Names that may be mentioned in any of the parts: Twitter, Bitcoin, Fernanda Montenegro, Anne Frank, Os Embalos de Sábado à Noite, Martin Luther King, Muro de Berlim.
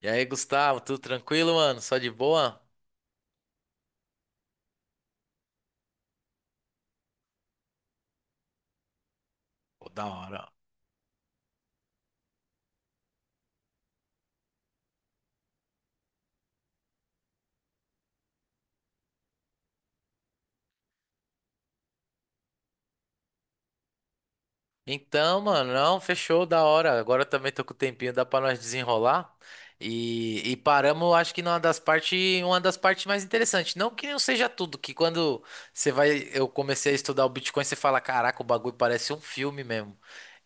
E aí, Gustavo, tudo tranquilo, mano? Só de boa? Pô, da hora. Então, mano, não, fechou, da hora. Agora eu também tô com o tempinho, dá pra nós desenrolar. E paramos, acho que numa das partes, uma das partes mais interessantes. Não que não seja tudo, que quando você vai, eu comecei a estudar o Bitcoin, você fala, caraca, o bagulho parece um filme mesmo.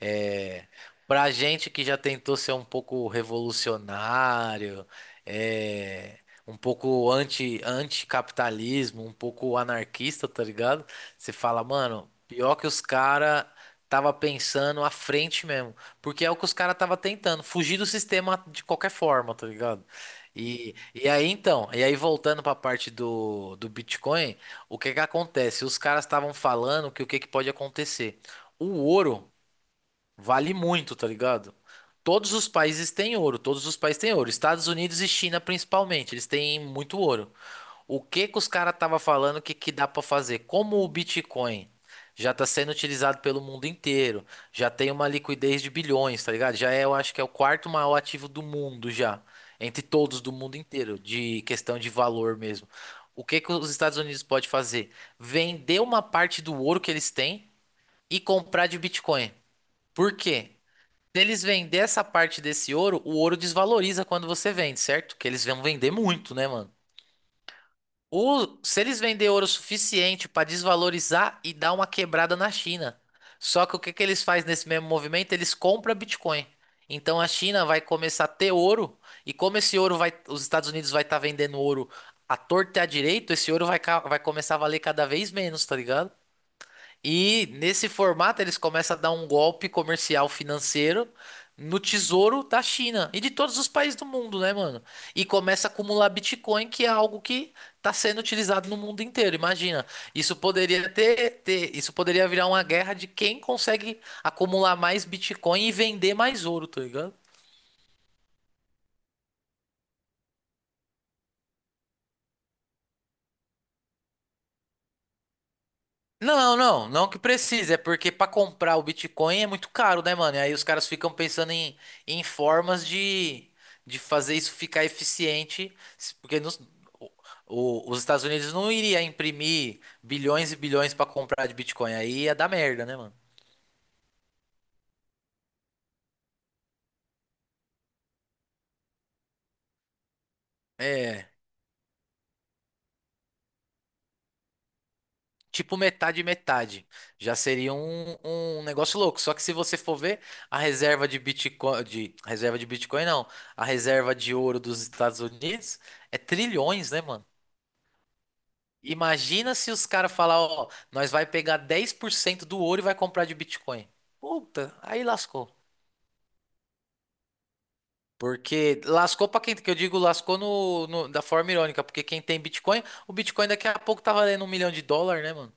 É, pra gente que já tentou ser um pouco revolucionário, é, um pouco anticapitalismo, um pouco anarquista, tá ligado? Você fala, mano, pior que os caras tava pensando à frente mesmo. Porque é o que os caras tava tentando, fugir do sistema de qualquer forma, tá ligado? E aí voltando para a parte do Bitcoin, o que que acontece? Os caras estavam falando que o que que pode acontecer? O ouro vale muito, tá ligado? Todos os países têm ouro, todos os países têm ouro. Estados Unidos e China principalmente, eles têm muito ouro. O que que os caras estavam falando que dá para fazer? Como o Bitcoin já está sendo utilizado pelo mundo inteiro, já tem uma liquidez de bilhões, tá ligado? Já é, eu acho que é o quarto maior ativo do mundo já, entre todos do mundo inteiro, de questão de valor mesmo. O que que os Estados Unidos pode fazer? Vender uma parte do ouro que eles têm e comprar de Bitcoin. Por quê? Se eles vender essa parte desse ouro, o ouro desvaloriza quando você vende, certo? Que eles vão vender muito, né, mano? Se eles vender ouro suficiente para desvalorizar e dar uma quebrada na China. Só que o que que eles fazem nesse mesmo movimento? Eles compram Bitcoin. Então a China vai começar a ter ouro e como esse ouro vai, os Estados Unidos vai estar vendendo ouro à torta e à direita, esse ouro vai, vai começar a valer cada vez menos, tá ligado? E nesse formato eles começam a dar um golpe comercial financeiro no tesouro da China e de todos os países do mundo, né, mano? E começa a acumular Bitcoin, que é algo que está sendo utilizado no mundo inteiro. Imagina, isso poderia isso poderia virar uma guerra de quem consegue acumular mais Bitcoin e vender mais ouro, tá ligado? Não, não, não que precise, é porque para comprar o Bitcoin é muito caro, né, mano? E aí os caras ficam pensando em, em formas de fazer isso ficar eficiente, porque o- os Estados Unidos não iria imprimir bilhões e bilhões para comprar de Bitcoin, aí ia dar merda, né, mano? É, tipo metade e metade. Já seria um negócio louco. Só que se você for ver, a reserva de Bitcoin, de reserva de Bitcoin não, a reserva de ouro dos Estados Unidos é trilhões, né, mano? Imagina se os caras falar, ó, nós vai pegar 10% do ouro e vai comprar de Bitcoin. Puta, aí lascou. Porque lascou pra quem, que eu digo, lascou da forma irônica, porque quem tem Bitcoin, o Bitcoin daqui a pouco tá valendo um milhão de dólar, né, mano?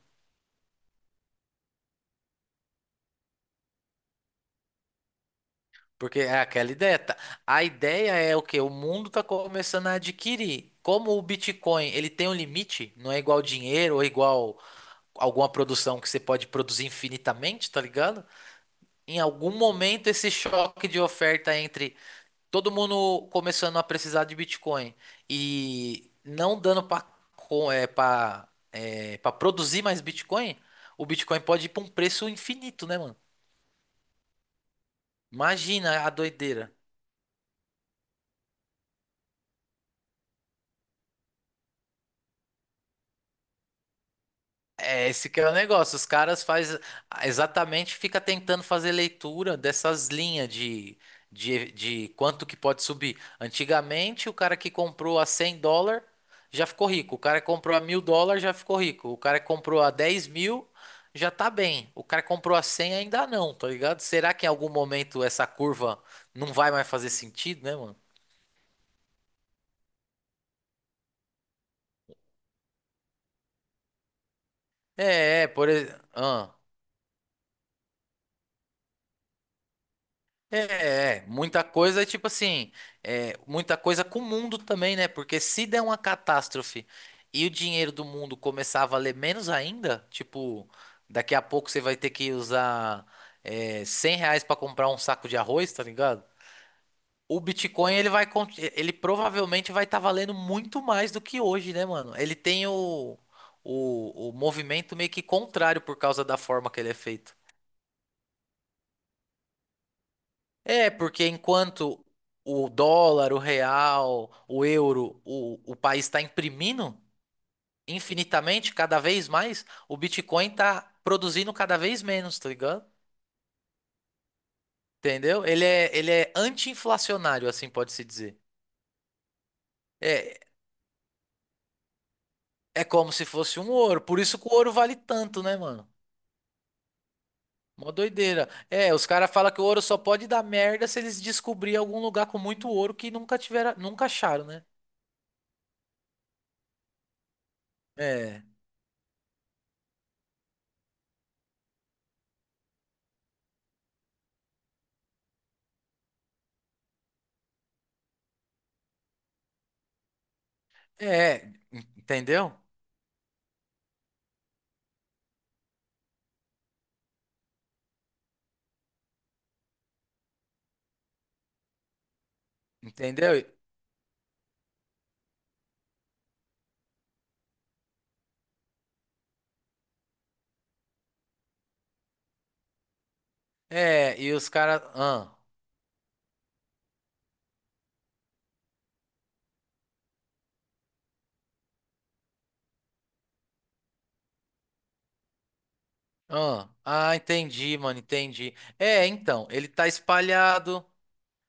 Porque é aquela ideia, tá? A ideia é o quê? O mundo tá começando a adquirir. Como o Bitcoin, ele tem um limite, não é igual dinheiro ou igual alguma produção que você pode produzir infinitamente, tá ligado? Em algum momento esse choque de oferta entre todo mundo começando a precisar de Bitcoin e não dando para para produzir mais Bitcoin, o Bitcoin pode ir para um preço infinito, né, mano? Imagina a doideira. É esse que é o negócio. Os caras faz exatamente fica tentando fazer leitura dessas linhas de quanto que pode subir. Antigamente, o cara que comprou a 100 dólar já ficou rico. O cara que comprou a 1000 dólares já ficou rico. O cara que comprou a 10 mil já tá bem. O cara que comprou a 100 ainda não, tá ligado? Será que em algum momento essa curva não vai mais fazer sentido, né, mano? É, é, por exemplo. É, é, muita coisa, tipo assim, é, muita coisa com o mundo também, né? Porque se der uma catástrofe e o dinheiro do mundo começar a valer menos ainda, tipo, daqui a pouco você vai ter que usar R$ 100 pra comprar um saco de arroz, tá ligado? O Bitcoin, ele vai, ele provavelmente vai estar valendo muito mais do que hoje, né, mano? Ele tem o movimento meio que contrário por causa da forma que ele é feito. É, porque enquanto o dólar, o real, o euro, o país está imprimindo infinitamente, cada vez mais, o Bitcoin está produzindo cada vez menos, tá ligado? Entendeu? Ele é anti-inflacionário, assim pode-se dizer. É, é como se fosse um ouro. Por isso que o ouro vale tanto, né, mano? Uma doideira. É, os caras falam que o ouro só pode dar merda se eles descobrirem algum lugar com muito ouro que nunca tiveram, nunca acharam, né? É, é, entendeu? Entendeu? É, e os caras. Entendi, mano, entendi. É, então, ele tá espalhado,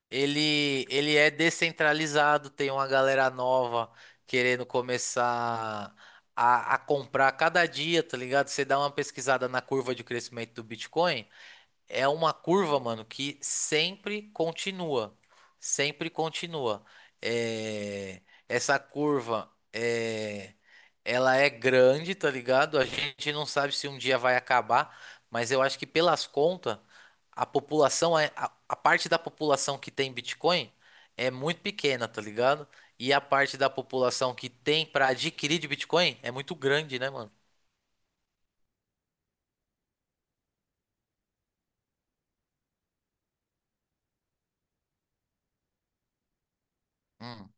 ele é descentralizado, tem uma galera nova querendo começar a comprar cada dia, tá ligado? Você dá uma pesquisada na curva de crescimento do Bitcoin. É uma curva, mano, que sempre continua. Sempre continua. É, essa curva é... ela é grande, tá ligado? A gente não sabe se um dia vai acabar, mas eu acho que pelas contas, a parte da população que tem Bitcoin é muito pequena, tá ligado? E a parte da população que tem pra adquirir de Bitcoin é muito grande, né, mano? Hum,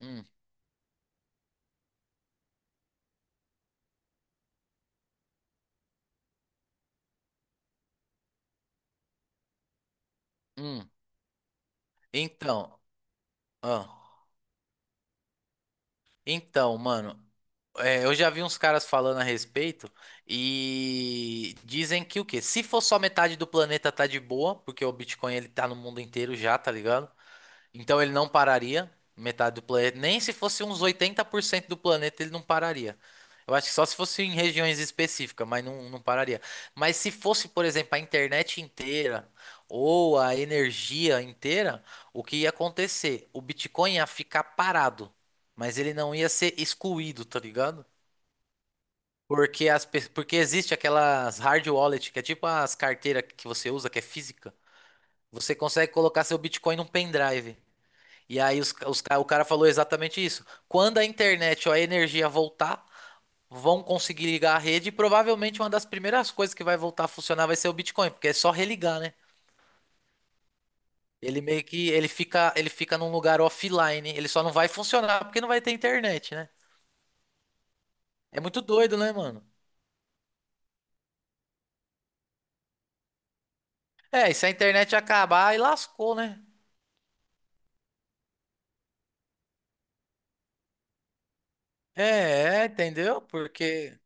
hum, hum. Então, ah, então, mano. É, eu já vi uns caras falando a respeito e dizem que o quê? Se for só metade do planeta tá de boa, porque o Bitcoin ele tá no mundo inteiro já, tá ligado? Então ele não pararia, metade do planeta, nem se fosse uns 80% do planeta ele não pararia. Eu acho que só se fosse em regiões específicas, mas não, não pararia. Mas se fosse, por exemplo, a internet inteira ou a energia inteira, o que ia acontecer? O Bitcoin ia ficar parado, mas ele não ia ser excluído, tá ligado? Porque, porque existe aquelas hard wallet, que é tipo as carteiras que você usa, que é física. Você consegue colocar seu Bitcoin num pendrive. E aí o cara falou exatamente isso. Quando a internet ou a energia voltar, vão conseguir ligar a rede. E provavelmente uma das primeiras coisas que vai voltar a funcionar vai ser o Bitcoin, porque é só religar, né? Ele meio que ele fica num lugar offline. Ele só não vai funcionar porque não vai ter internet, né? É muito doido, né, mano? É, e se a internet acabar, aí lascou, né? É, é, entendeu? Porque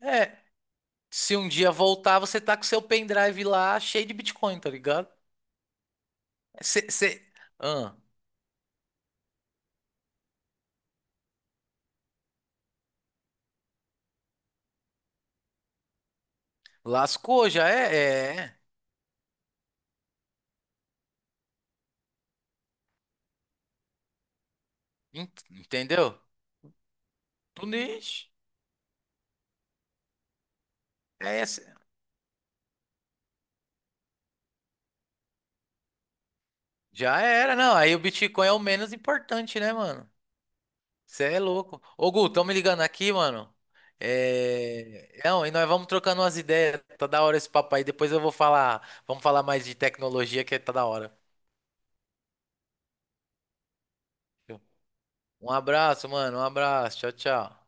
é, se um dia voltar, você tá com seu pendrive lá cheio de Bitcoin, tá ligado? Você, lascou, já é, é, é. Entendeu? Tunis, é, é, já era, não. Aí o Bitcoin é o menos importante, né, mano? Você é louco. Ô, Gu, tão me ligando aqui, mano. É, é, não, e nós vamos trocando umas ideias. Tá da hora esse papo aí. Depois eu vou falar, vamos falar mais de tecnologia que é, tá da hora. Um abraço, mano. Um abraço. Tchau, tchau.